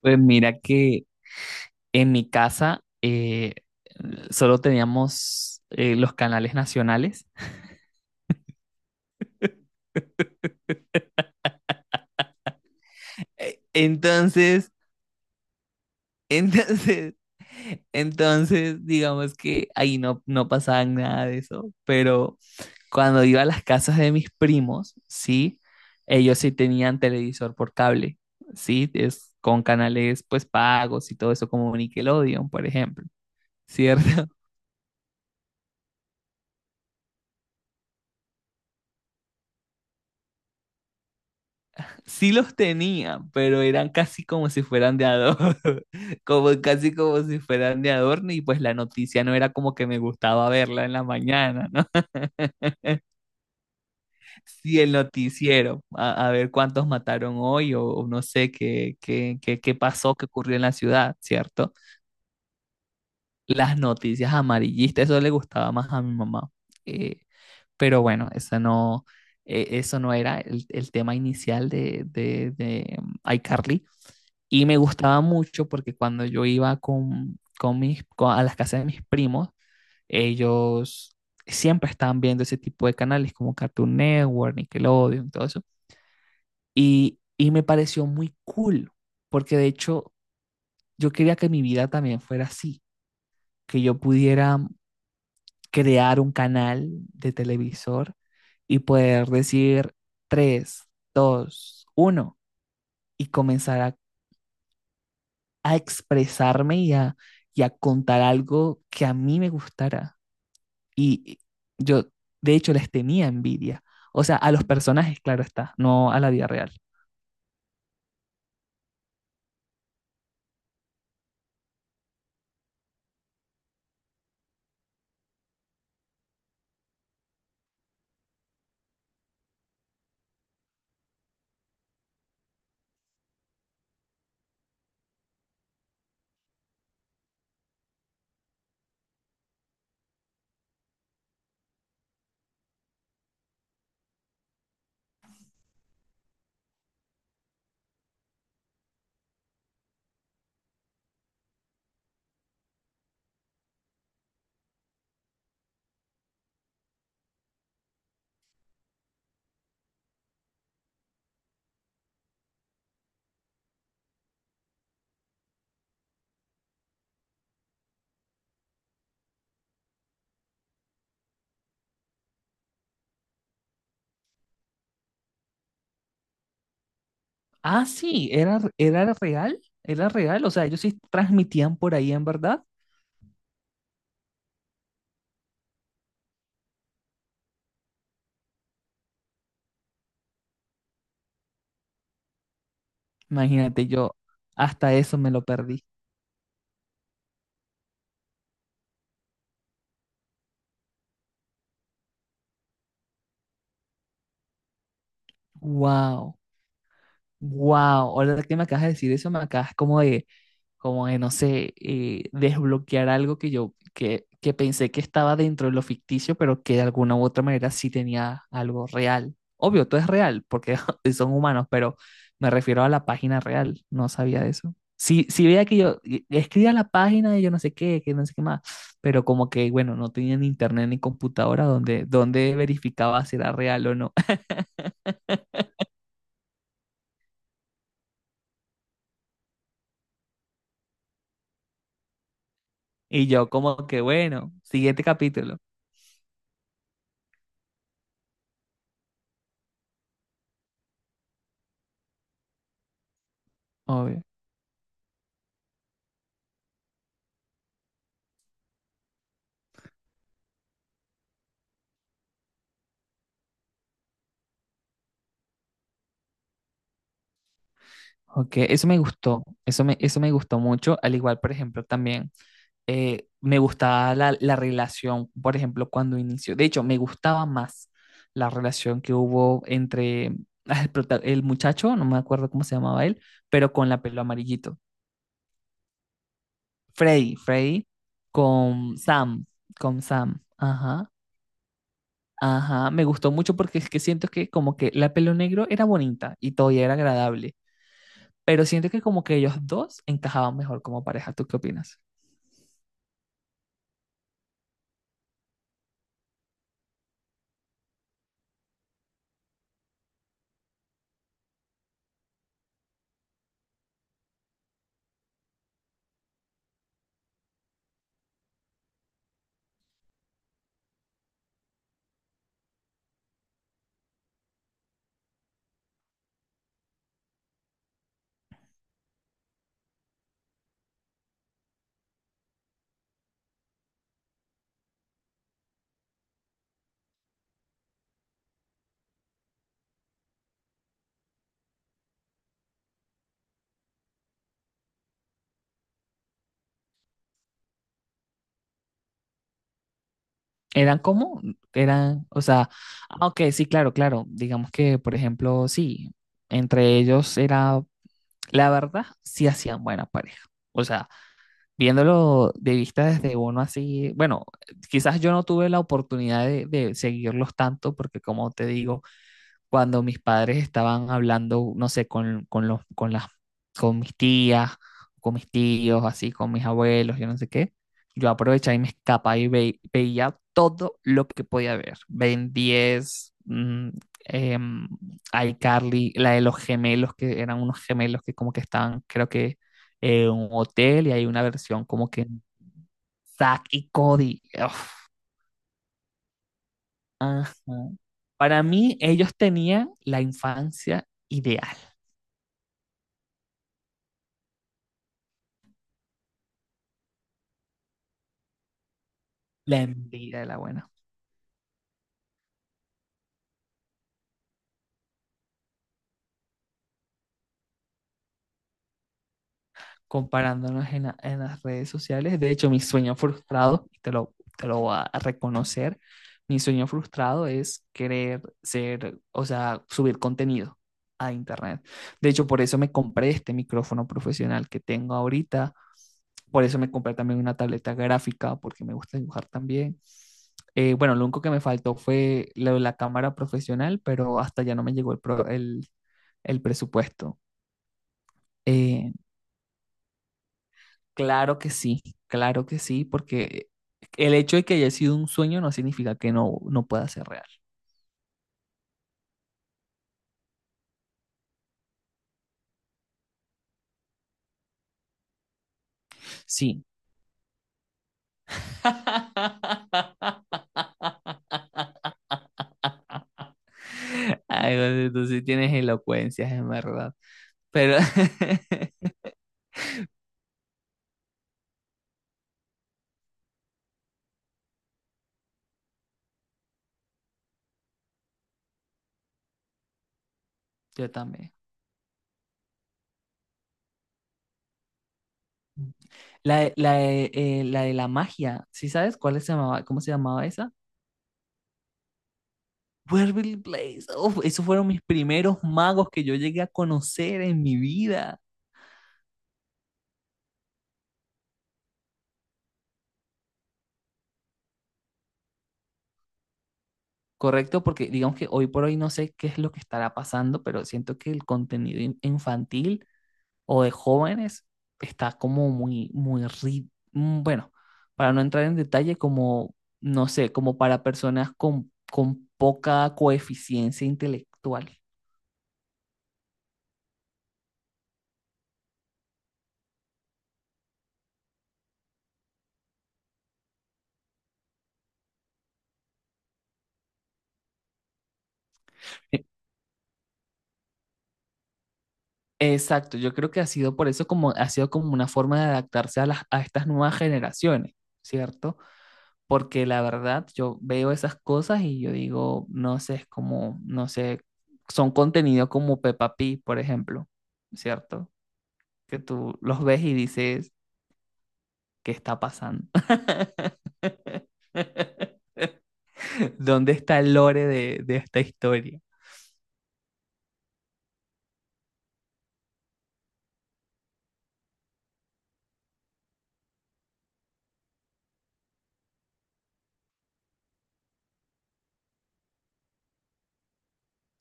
Pues mira que en mi casa solo teníamos los canales nacionales. Entonces, entonces, digamos que ahí no, no pasaba nada de eso. Pero cuando iba a las casas de mis primos, sí, ellos sí tenían televisor por cable, sí, es con canales pues pagos y todo eso como Nickelodeon, por ejemplo, ¿cierto? Sí los tenía, pero eran casi como si fueran de adorno, como casi como si fueran de adorno y pues la noticia no era como que me gustaba verla en la mañana, ¿no? Sí, el noticiero, a ver cuántos mataron hoy o no sé qué pasó, qué ocurrió en la ciudad, ¿cierto? Las noticias amarillistas, eso le gustaba más a mi mamá. Eh, pero bueno, eso no era el tema inicial de iCarly. Y me gustaba mucho porque cuando yo iba a las casas de mis primos, ellos siempre estaban viendo ese tipo de canales como Cartoon Network, Nickelodeon, todo eso. Y me pareció muy cool, porque de hecho yo quería que mi vida también fuera así, que yo pudiera crear un canal de televisor y poder decir tres dos uno y comenzar a expresarme y a contar algo que a mí me gustara. Y yo, de hecho, les tenía envidia. O sea, a los personajes, claro está, no a la vida real. Ah, sí, era real, era real. O sea, ellos sí transmitían por ahí en verdad. Imagínate, yo hasta eso me lo perdí. Wow. Wow, ahora que me acabas de decir eso, me acabas como de, no sé, desbloquear algo que yo, que pensé que estaba dentro de lo ficticio, pero que de alguna u otra manera sí tenía algo real. Obvio, todo es real, porque son humanos, pero me refiero a la página real, no sabía de eso. Sí, sí veía que yo escribía la página de yo no sé qué, que no sé qué más, pero como que, bueno, no tenía ni internet ni computadora donde verificaba si era real o no. Y yo como que, bueno, siguiente capítulo. Obvio. Ok, eso me gustó, eso me gustó mucho, al igual, por ejemplo, también me gustaba la relación, por ejemplo, cuando inició, de hecho, me gustaba más la relación que hubo entre ah, el muchacho, no me acuerdo cómo se llamaba él, pero con la pelo amarillito, Freddy, Freddy, con Sam, con Sam, ajá, ajá, me gustó mucho porque es que siento que como que la pelo negro era bonita y todavía era agradable. Pero siento que como que ellos dos encajaban mejor como pareja. ¿Tú qué opinas? Eran como, o sea, ah, ok, sí, claro, claro. Digamos que, por ejemplo, sí, entre ellos era, la verdad, sí hacían buena pareja. O sea, viéndolo de vista desde uno así, bueno, quizás yo no tuve la oportunidad de seguirlos tanto porque como te digo, cuando mis padres estaban hablando, no sé, con mis tías, con mis tíos, así, con mis abuelos, yo no sé qué, yo aprovechaba y me escapaba y veía todo lo que podía ver. Ben 10, em, iCarly, la de los gemelos, que eran unos gemelos que como que estaban, creo que, en un hotel y hay una versión como que Zack y Cody. Uf, ajá. Para mí, ellos tenían la infancia ideal. La envidia de la buena. Comparándonos en las redes sociales. De hecho, mi sueño frustrado, y te lo voy a reconocer, mi sueño frustrado es querer ser, o sea, subir contenido a internet. De hecho, por eso me compré este micrófono profesional que tengo ahorita. Por eso me compré también una tableta gráfica, porque me gusta dibujar también. Bueno, lo único que me faltó fue lo de la cámara profesional, pero hasta ya no me llegó el presupuesto. Eh, Claro que sí, claro que sí, porque el hecho de que haya sido un sueño no significa que no, no pueda ser real. Sí. Ay, José, tú sí tienes elocuencias, en verdad. Pero yo también. La de la magia, ¿sí sabes cuál se llamaba, cómo se llamaba esa? Waverly Place. Uf, esos fueron mis primeros magos que yo llegué a conocer en mi vida. Correcto, porque digamos que hoy por hoy no sé qué es lo que estará pasando, pero siento que el contenido infantil o de jóvenes está como muy, muy, bueno, para no entrar en detalle, como, no sé, como para personas con poca coeficiencia intelectual. E- Exacto, yo creo que ha sido por eso como, ha sido como una forma de adaptarse a estas nuevas generaciones, ¿cierto? Porque la verdad yo veo esas cosas y yo digo, no sé, es como, no sé, son contenido como Peppa Pig, por ejemplo, ¿cierto? Que tú los ves y dices, ¿qué está pasando? ¿Dónde está el lore de esta historia?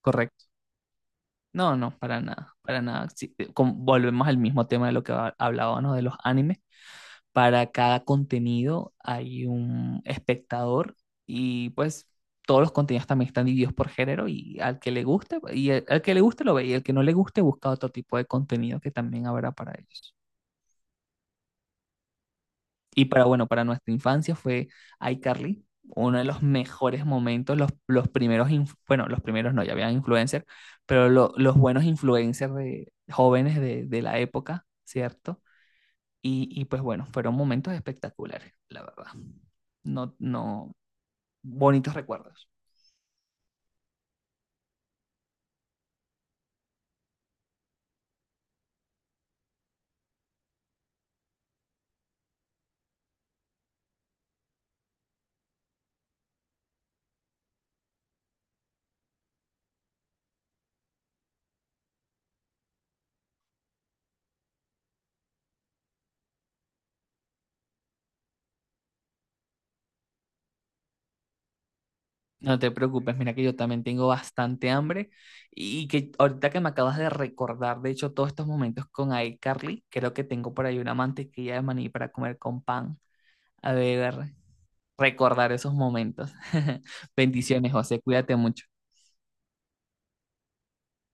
Correcto. No, no, para nada, para nada. Sí, volvemos al mismo tema de lo que hablábamos de los animes. Para cada contenido hay un espectador y pues todos los contenidos también están divididos por género y al que le guste, y al que le guste lo ve y al que no le guste busca otro tipo de contenido que también habrá para ellos. Bueno, para nuestra infancia fue iCarly, uno de los mejores momentos, los primeros, bueno, los primeros no, ya habían influencers, pero los buenos influencers jóvenes de la época, ¿cierto? Y pues bueno, fueron momentos espectaculares, la verdad. No, no, bonitos recuerdos. No te preocupes, mira que yo también tengo bastante hambre y que ahorita que me acabas de recordar, de hecho, todos estos momentos con iCarly, creo que tengo por ahí una mantequilla de maní para comer con pan. A ver, recordar esos momentos. Bendiciones, José, cuídate mucho.